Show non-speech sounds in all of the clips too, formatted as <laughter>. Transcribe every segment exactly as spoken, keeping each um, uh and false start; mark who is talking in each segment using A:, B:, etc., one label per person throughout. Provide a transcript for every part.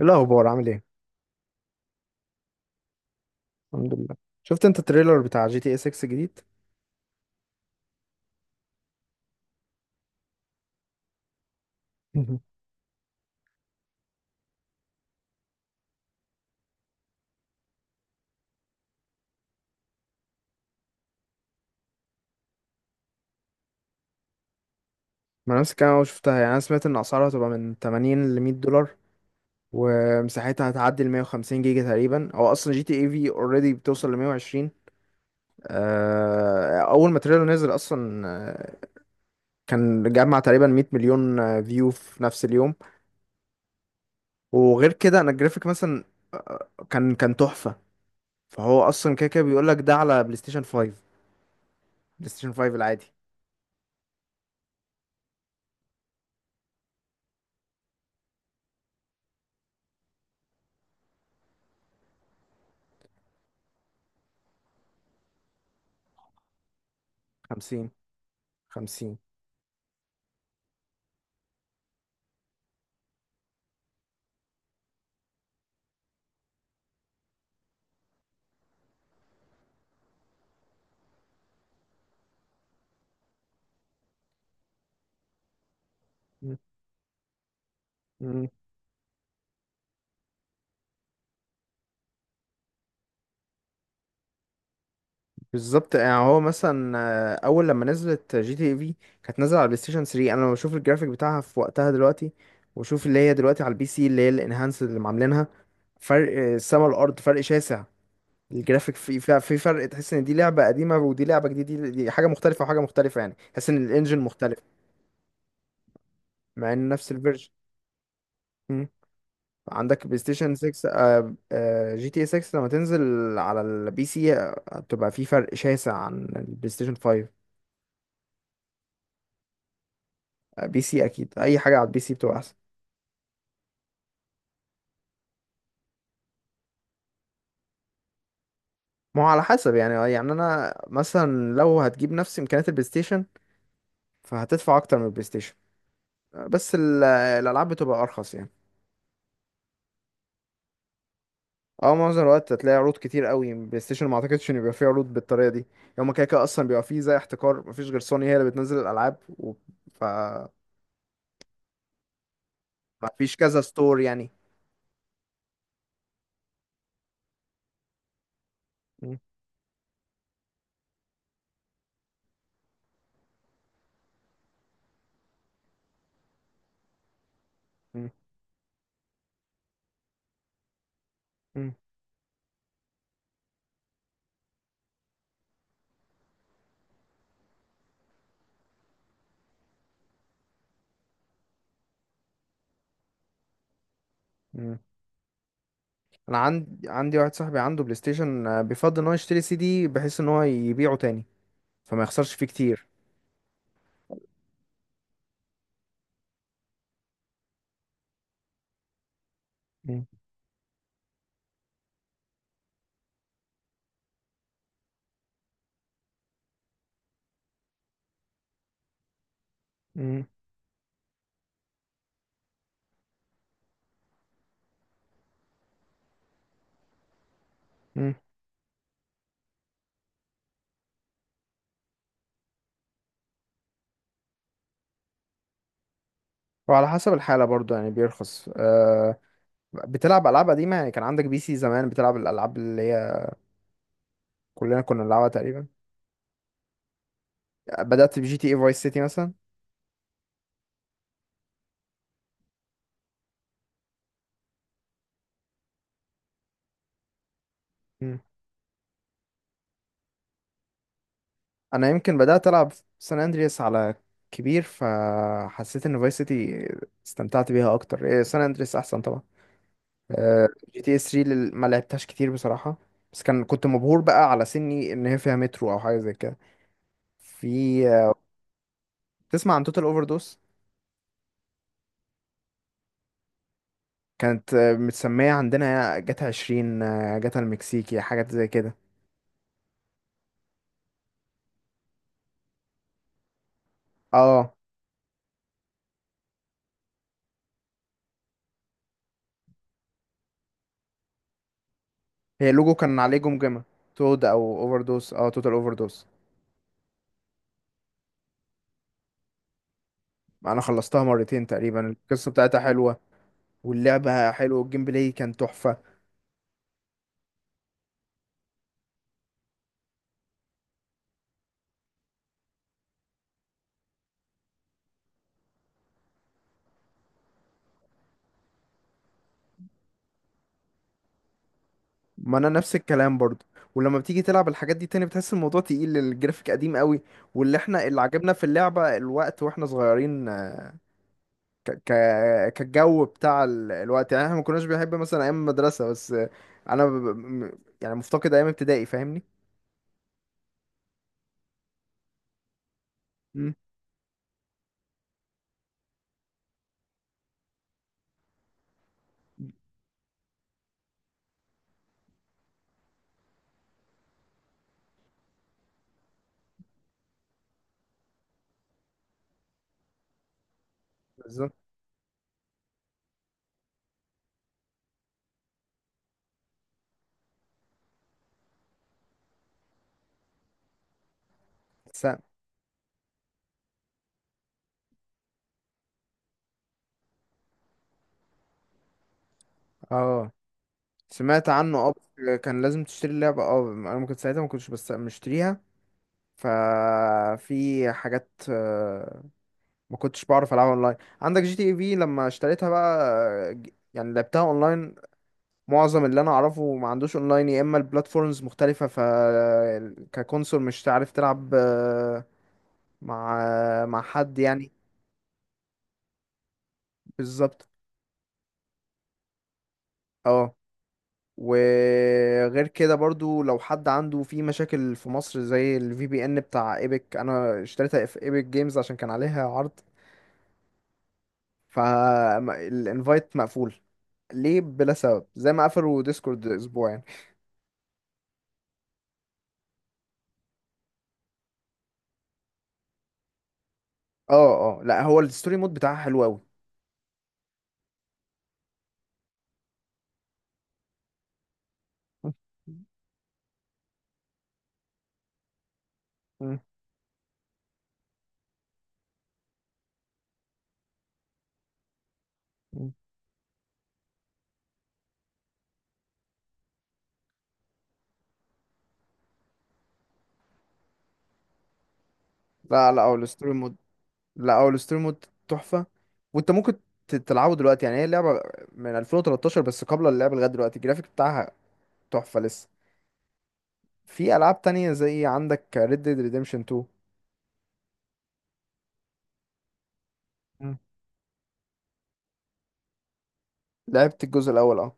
A: ايه الاخبار؟ عامل ايه؟ الحمد لله. شفت انت التريلر بتاع جي تي اي ستة جديد؟ ما نفس الكلام، انا شفتها، يعني انا سمعت ان اسعارها هتبقى من تمانين ل مية دولار، ومساحتها هتعدي ال مية وخمسين جيجا تقريبا. هو اصلا جي تي اي في اوريدي بتوصل ل مئة وعشرين. آه، اول ما التريلر نزل اصلا آه، كان جمع تقريبا مئة مليون فيو في نفس اليوم. وغير كده انا الجرافيك مثلا آه، كان كان تحفة. فهو اصلا كده كده بيقول لك ده على بلاي ستيشن خمسة. بلاي ستيشن خمسة العادي. خمسين. خمسين. بالظبط. يعني هو مثلا آه، اول لما نزلت جي تي اي في كانت نازله على بلاي ستيشن تلاتة. انا لما بشوف الجرافيك بتاعها في وقتها دلوقتي، واشوف اللي هي دلوقتي على البي سي، اللي هي الانهانس اللي عاملينها، فرق آه، السما والارض، فرق شاسع. الجرافيك في في في فرق. تحس ان دي لعبه قديمه ودي لعبه جديده. دي دي حاجه مختلفه وحاجه مختلفه. يعني تحس ان الانجن مختلف. مع ان نفس الفيرجن. مم. عندك بلاي ستيشن ستة آه، آه، جي تي اي ستة لما تنزل على البي سي آه، هتبقى في فرق شاسع عن البلاي ستيشن خمسة. بي سي اكيد. اي حاجه على البي سي بتبقى احسن. ما هو على حسب يعني آه، يعني انا مثلا لو هتجيب نفس امكانيات البلاي ستيشن فهتدفع اكتر من البلاي ستيشن. بس ال- الالعاب بتبقى ارخص يعني. اه، معظم الوقت هتلاقي عروض كتير قوي. بلاي ستيشن ما اعتقدش ان يبقى فيه عروض بالطريقه دي. يوم كده كده اصلا بيبقى فيه زي احتكار. مفيش غير سوني هي اللي بتنزل الالعاب و... ف مفيش كذا ستور يعني. م- م- م- م. انا عندي عندي واحد صاحبي عنده بلاي ستيشن آه، بيفضل ان هو يشتري سي دي بحيث ان هو يبيعه تاني، فما يخسرش فيه كتير. مم. مم. وعلى حسب الحالة برضو يعني بيرخص، أه. بتلعب ألعاب قديمة يعني كان عندك بي سي زمان بتلعب الألعاب اللي هي كلنا كنا بنلعبها تقريبا. بدأت بجي تي اي فايس سيتي مثلا. مم. أنا يمكن بدأت ألعب سان أندرياس على كبير، فحسيت إن فايس سيتي استمتعت بيها أكتر. إيه، سان أندرياس أحسن طبعا. أه. جي تي اس تلاتة لل- ما لعبتهاش كتير بصراحة، بس كان كنت مبهور بقى على سني إن هي فيها مترو أو حاجة زي كده. في آه، تسمع عن توتال أوفر؟ كانت آه، متسمية عندنا جاتا عشرين آه، جاتا المكسيكي، حاجات زي كده. اه، هي اللوجو كان عليه جمجمة. تود او اوفر دوس. اه، توتال اوفر دوس. انا خلصتها مرتين تقريبا، القصة بتاعتها حلوة، واللعبة حلوة، والجيم بلاي كان تحفة. ما انا نفس الكلام برضو. ولما بتيجي تلعب الحاجات دي تاني بتحس الموضوع تقيل، الجرافيك قديم قوي. واللي احنا اللي عجبنا في اللعبة الوقت واحنا صغيرين. ك... ك... كالجو بتاع ال... الوقت، يعني احنا ما كناش بنحب مثلا ايام المدرسه بس. انا ب... ب- يعني مفتقد ايام ابتدائي، فاهمني؟ مم. بالظبط. س... اه، سمعت عنه، اه بس كان لازم تشتري اللعبه، اه انا ممكن ساعتها ما كنتش بس مشتريها. ففي حاجات آه، ما كنتش بعرف العبها اونلاين. عندك جي تي اي في لما اشتريتها بقى آه، ج- يعني لعبتها اونلاين. معظم اللي انا اعرفه ما عندوش اونلاين، يا اما البلاتفورمز مختلفه ف ككونسول مش عارف تلعب مع مع حد يعني. بالظبط. اه، وغير كده برضو لو حد عنده في مشاكل في مصر زي الفي بي ان بتاع ايبك، انا اشتريتها في ايبك جيمز عشان كان عليها عرض. فالانفايت مقفول ليه بلا سبب، زي ما قفلوا ديسكورد اسبوع يعني. اه اه، لا، هو الستوري مود بتاعها حلو قوي. <laughs> لا لا، هو الستوري مود. لا، هو الستوري مود تحفة. وانت ممكن ت- تلعبه دلوقتي، يعني هي لعبة من ألفين وتلتاشر، بس قبل اللعبة لغاية دلوقتي الجرافيك بتاعها تحفة لسه. في ألعاب تانية زي عندك Red Dead Redemption اتنين. مم. لعبت الجزء الأول، اه.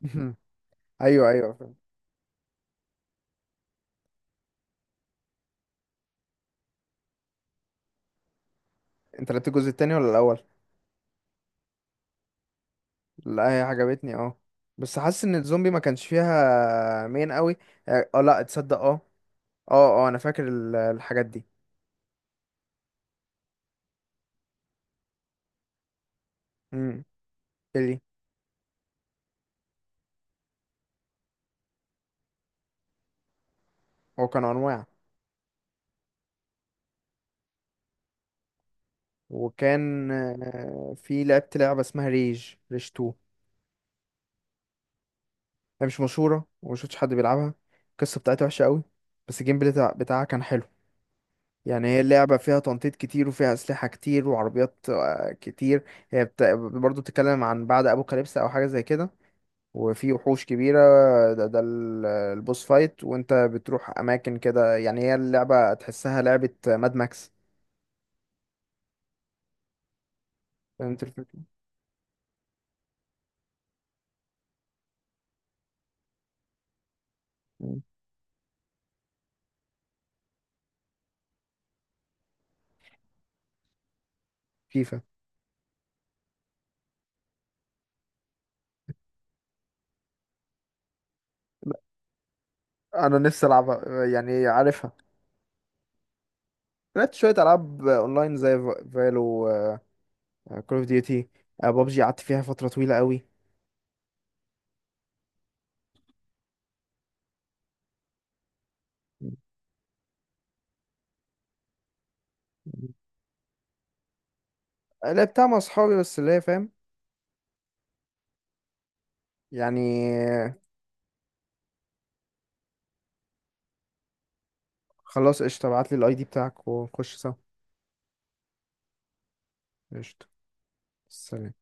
A: <laughs> أيوه أيوه، فاهم. انت لعبت الجزء التاني ولا الأول؟ لا، هي عجبتني، اه. بس حاسس إن الزومبي ما كانش فيها مين قوي. اه، آه، لا تصدق. اه اه، اه أنا فاكر ال- الحاجات دي. امم اللي هو كانوا أنواع. وكان آه، في، لعبت لعبة اسمها ريج ريج اتنين. هي مش مشهورة وما شفتش حد بيلعبها. القصة بتاعتها وحشة قوي، بس الجيم بلاي بتاع- بتاعها كان حلو. يعني هي اللعبة فيها تنطيط كتير وفيها أسلحة كتير وعربيات آه، كتير. هي بت... برضو بتتكلم عن بعد أبوكاليبس أو حاجة زي كده، وفي وحوش كبيرة. ده, ده ال- البوس فايت وانت بتروح أماكن كده. يعني هي اللعبة تحسها لعبة ماد ماكس. فهمت الفكرة؟ مم. فيفا. انا نفسي العبها، يعني عارفها. لعبت شوية ألعاب أونلاين زي فا- فالو، كول أوف ديوتي، بابجي قعدت فيها فترة طويلة قوي. لعبتها مع أصحابي بس اللي هي فاهم يعني. خلاص قشطة، ابعتلي الأي دي بتاعك ونخش سوا. قشطة. سلام.